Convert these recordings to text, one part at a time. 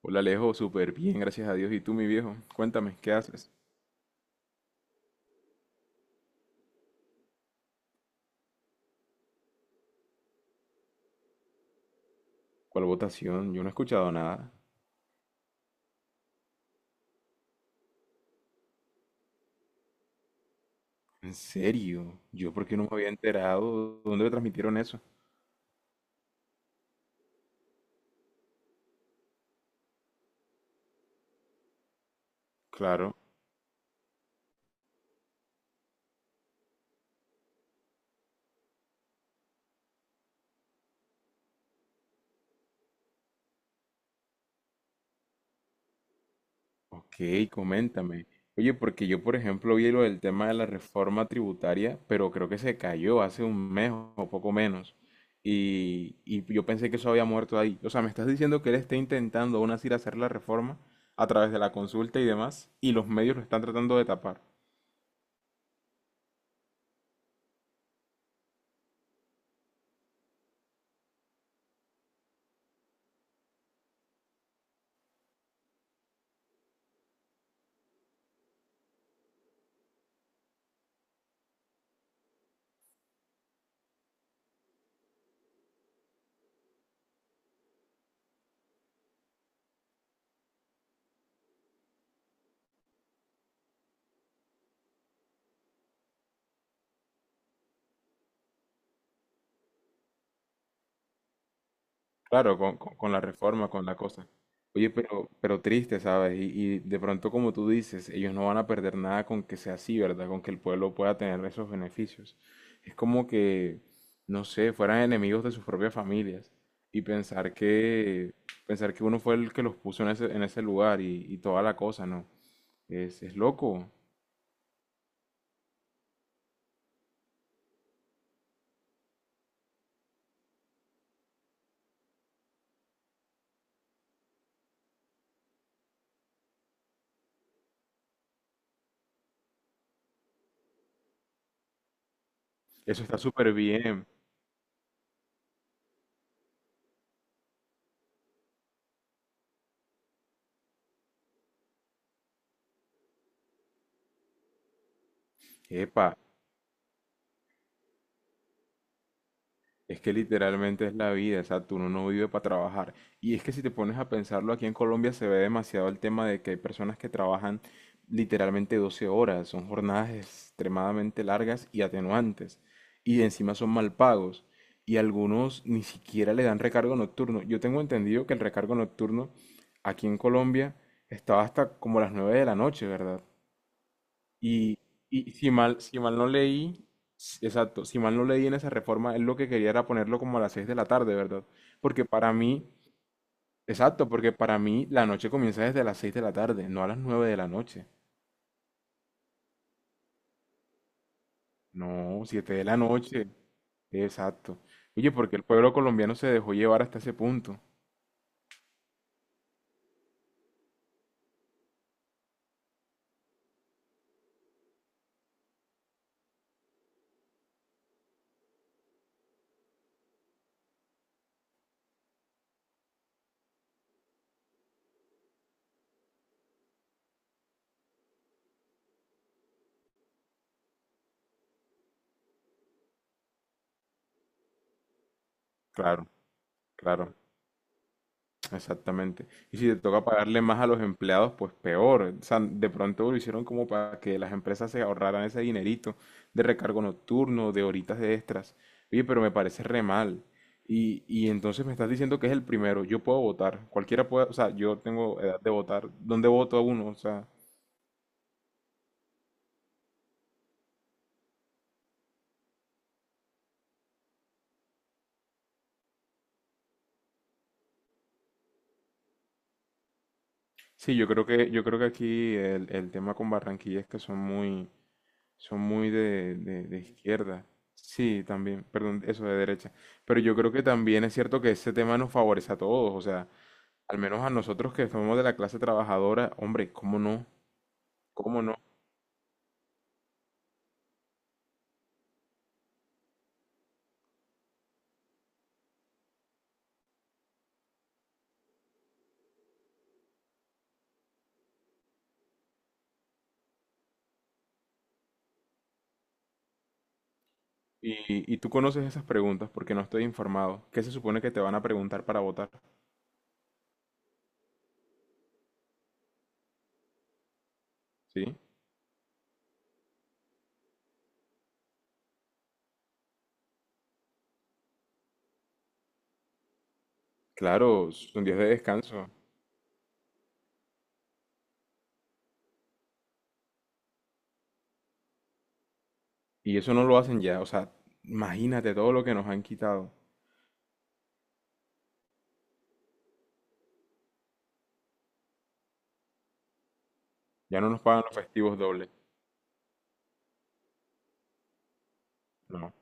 Hola Alejo, súper bien, gracias a Dios. ¿Y tú, mi viejo? Cuéntame, ¿qué haces? ¿Cuál votación? Yo no he escuchado nada. ¿En serio? ¿Yo por qué no me había enterado? ¿Dónde me transmitieron eso? Claro. Ok, coméntame. Oye, porque yo, por ejemplo, vi lo del tema de la reforma tributaria, pero creo que se cayó hace un mes o poco menos. Y yo pensé que eso había muerto ahí. O sea, me estás diciendo que él está intentando aún así hacer la reforma a través de la consulta y demás, y los medios lo están tratando de tapar. Claro, con la reforma, con la cosa. Oye, pero triste, ¿sabes? Y de pronto, como tú dices, ellos no van a perder nada con que sea así, ¿verdad? Con que el pueblo pueda tener esos beneficios. Es como que, no sé, fueran enemigos de sus propias familias. Y pensar que uno fue el que los puso en ese lugar y toda la cosa, ¿no? Es loco. Eso está súper bien. Epa. Es que literalmente es la vida, exacto, uno no vive para trabajar. Y es que si te pones a pensarlo, aquí en Colombia se ve demasiado el tema de que hay personas que trabajan literalmente 12 horas, son jornadas extremadamente largas y atenuantes, y encima son mal pagos, y algunos ni siquiera le dan recargo nocturno. Yo tengo entendido que el recargo nocturno aquí en Colombia estaba hasta como las 9 de la noche, ¿verdad? Y, si mal no leí, exacto, si mal no leí en esa reforma, él lo que quería era ponerlo como a las 6 de la tarde, ¿verdad? Porque para mí, exacto, porque para mí la noche comienza desde las 6 de la tarde, no a las 9 de la noche. No, 7 de la noche, exacto. Oye, porque el pueblo colombiano se dejó llevar hasta ese punto. Claro, claro. Exactamente. Y si te toca pagarle más a los empleados, pues peor. O sea, de pronto lo hicieron como para que las empresas se ahorraran ese dinerito de recargo nocturno, de horitas de extras. Oye, pero me parece re mal. Y entonces me estás diciendo que es el primero. Yo puedo votar. Cualquiera puede, o sea, yo tengo edad de votar. ¿Dónde voto a uno? O sea, sí, yo creo que aquí el tema con Barranquilla es que son muy, son muy de, de izquierda. Sí, también, perdón, eso de derecha. Pero yo creo que también es cierto que ese tema nos favorece a todos, o sea, al menos a nosotros que somos de la clase trabajadora, hombre, ¿cómo no? ¿Cómo no? Y tú conoces esas preguntas porque no estoy informado. ¿Qué se supone que te van a preguntar para votar? ¿Sí? Claro, son días de descanso. Y eso no lo hacen ya, o sea, imagínate todo lo que nos han quitado. Ya no nos pagan los festivos dobles. No,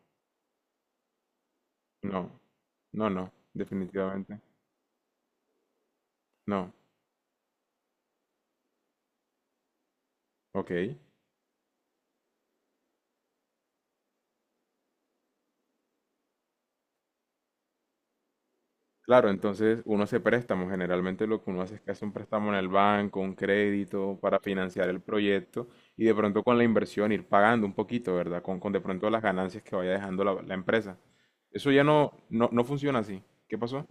no, no, no, definitivamente. No. Ok, claro, entonces uno hace préstamos. Generalmente lo que uno hace es que hace un préstamo en el banco, un crédito para financiar el proyecto y de pronto con la inversión ir pagando un poquito, ¿verdad? Con de pronto las ganancias que vaya dejando la empresa. Eso ya no, no, no funciona así. ¿Qué pasó?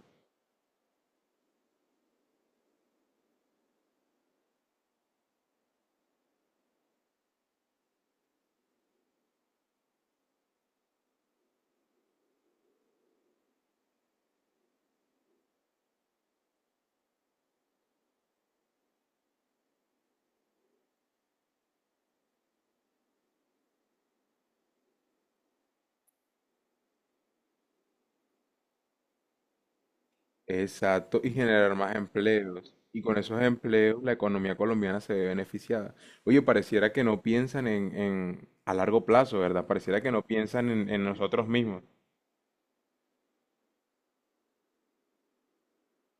Exacto, y generar más empleos. Y con esos empleos la economía colombiana se ve beneficiada. Oye, pareciera que no piensan en- a largo plazo, ¿verdad? Pareciera que no piensan en nosotros mismos.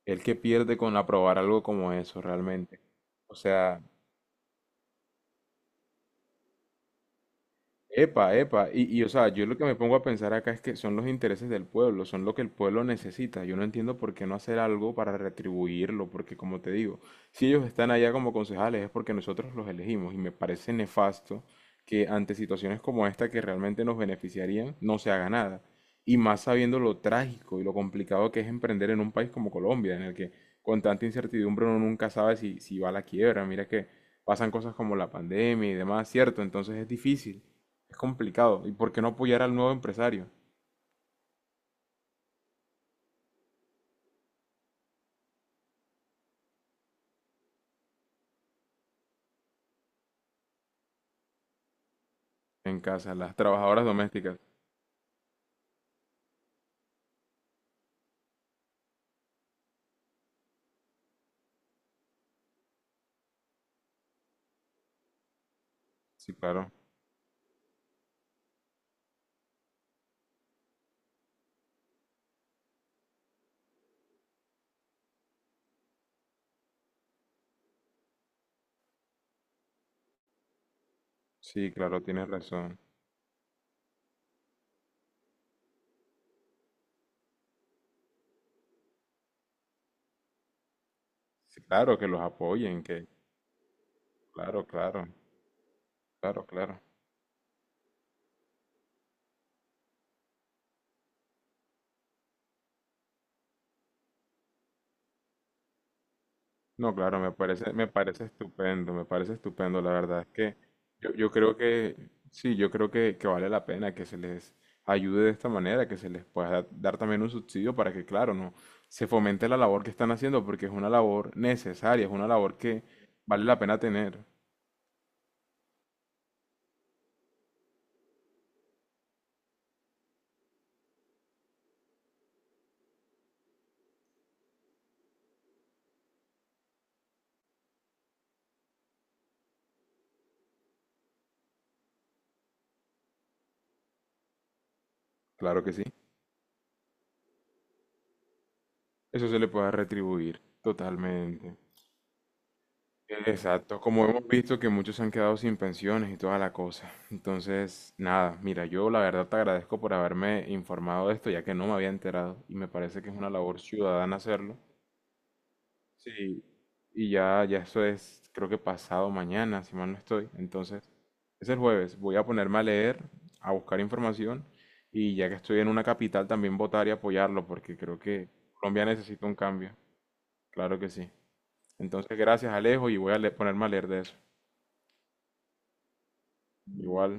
El que pierde con aprobar algo como eso realmente. O sea, epa, epa. Y o sea, yo lo que me pongo a pensar acá es que son los intereses del pueblo, son lo que el pueblo necesita. Yo no entiendo por qué no hacer algo para retribuirlo, porque como te digo, si ellos están allá como concejales es porque nosotros los elegimos y me parece nefasto que ante situaciones como esta que realmente nos beneficiarían no se haga nada. Y más sabiendo lo trágico y lo complicado que es emprender en un país como Colombia, en el que con tanta incertidumbre uno nunca sabe si va a la quiebra. Mira que pasan cosas como la pandemia y demás, ¿cierto? Entonces es difícil. Es complicado. ¿Y por qué no apoyar al nuevo empresario en casa, las trabajadoras domésticas? Sí, claro. Sí, claro, tienes razón. Sí, claro, que los apoyen, que... Claro, claro, claro, claro. No, claro, me parece estupendo, me parece estupendo. La verdad es que yo creo que, sí, yo creo que vale la pena que se les ayude de esta manera, que se les pueda dar, dar también un subsidio para que, claro, no se fomente la labor que están haciendo, porque es una labor necesaria, es una labor que vale la pena tener. Claro que sí. Eso se le puede retribuir totalmente. Exacto, como hemos visto que muchos se han quedado sin pensiones y toda la cosa. Entonces, nada, mira, yo la verdad te agradezco por haberme informado de esto, ya que no me había enterado y me parece que es una labor ciudadana hacerlo. Sí, y ya, ya eso es, creo que pasado mañana, si mal no estoy. Entonces, es el jueves, voy a ponerme a leer, a buscar información y ya que estoy en una capital también votar y apoyarlo, porque creo que Colombia necesita un cambio. Claro que sí. Entonces, gracias Alejo y voy a ponerme a leer de eso. Igual,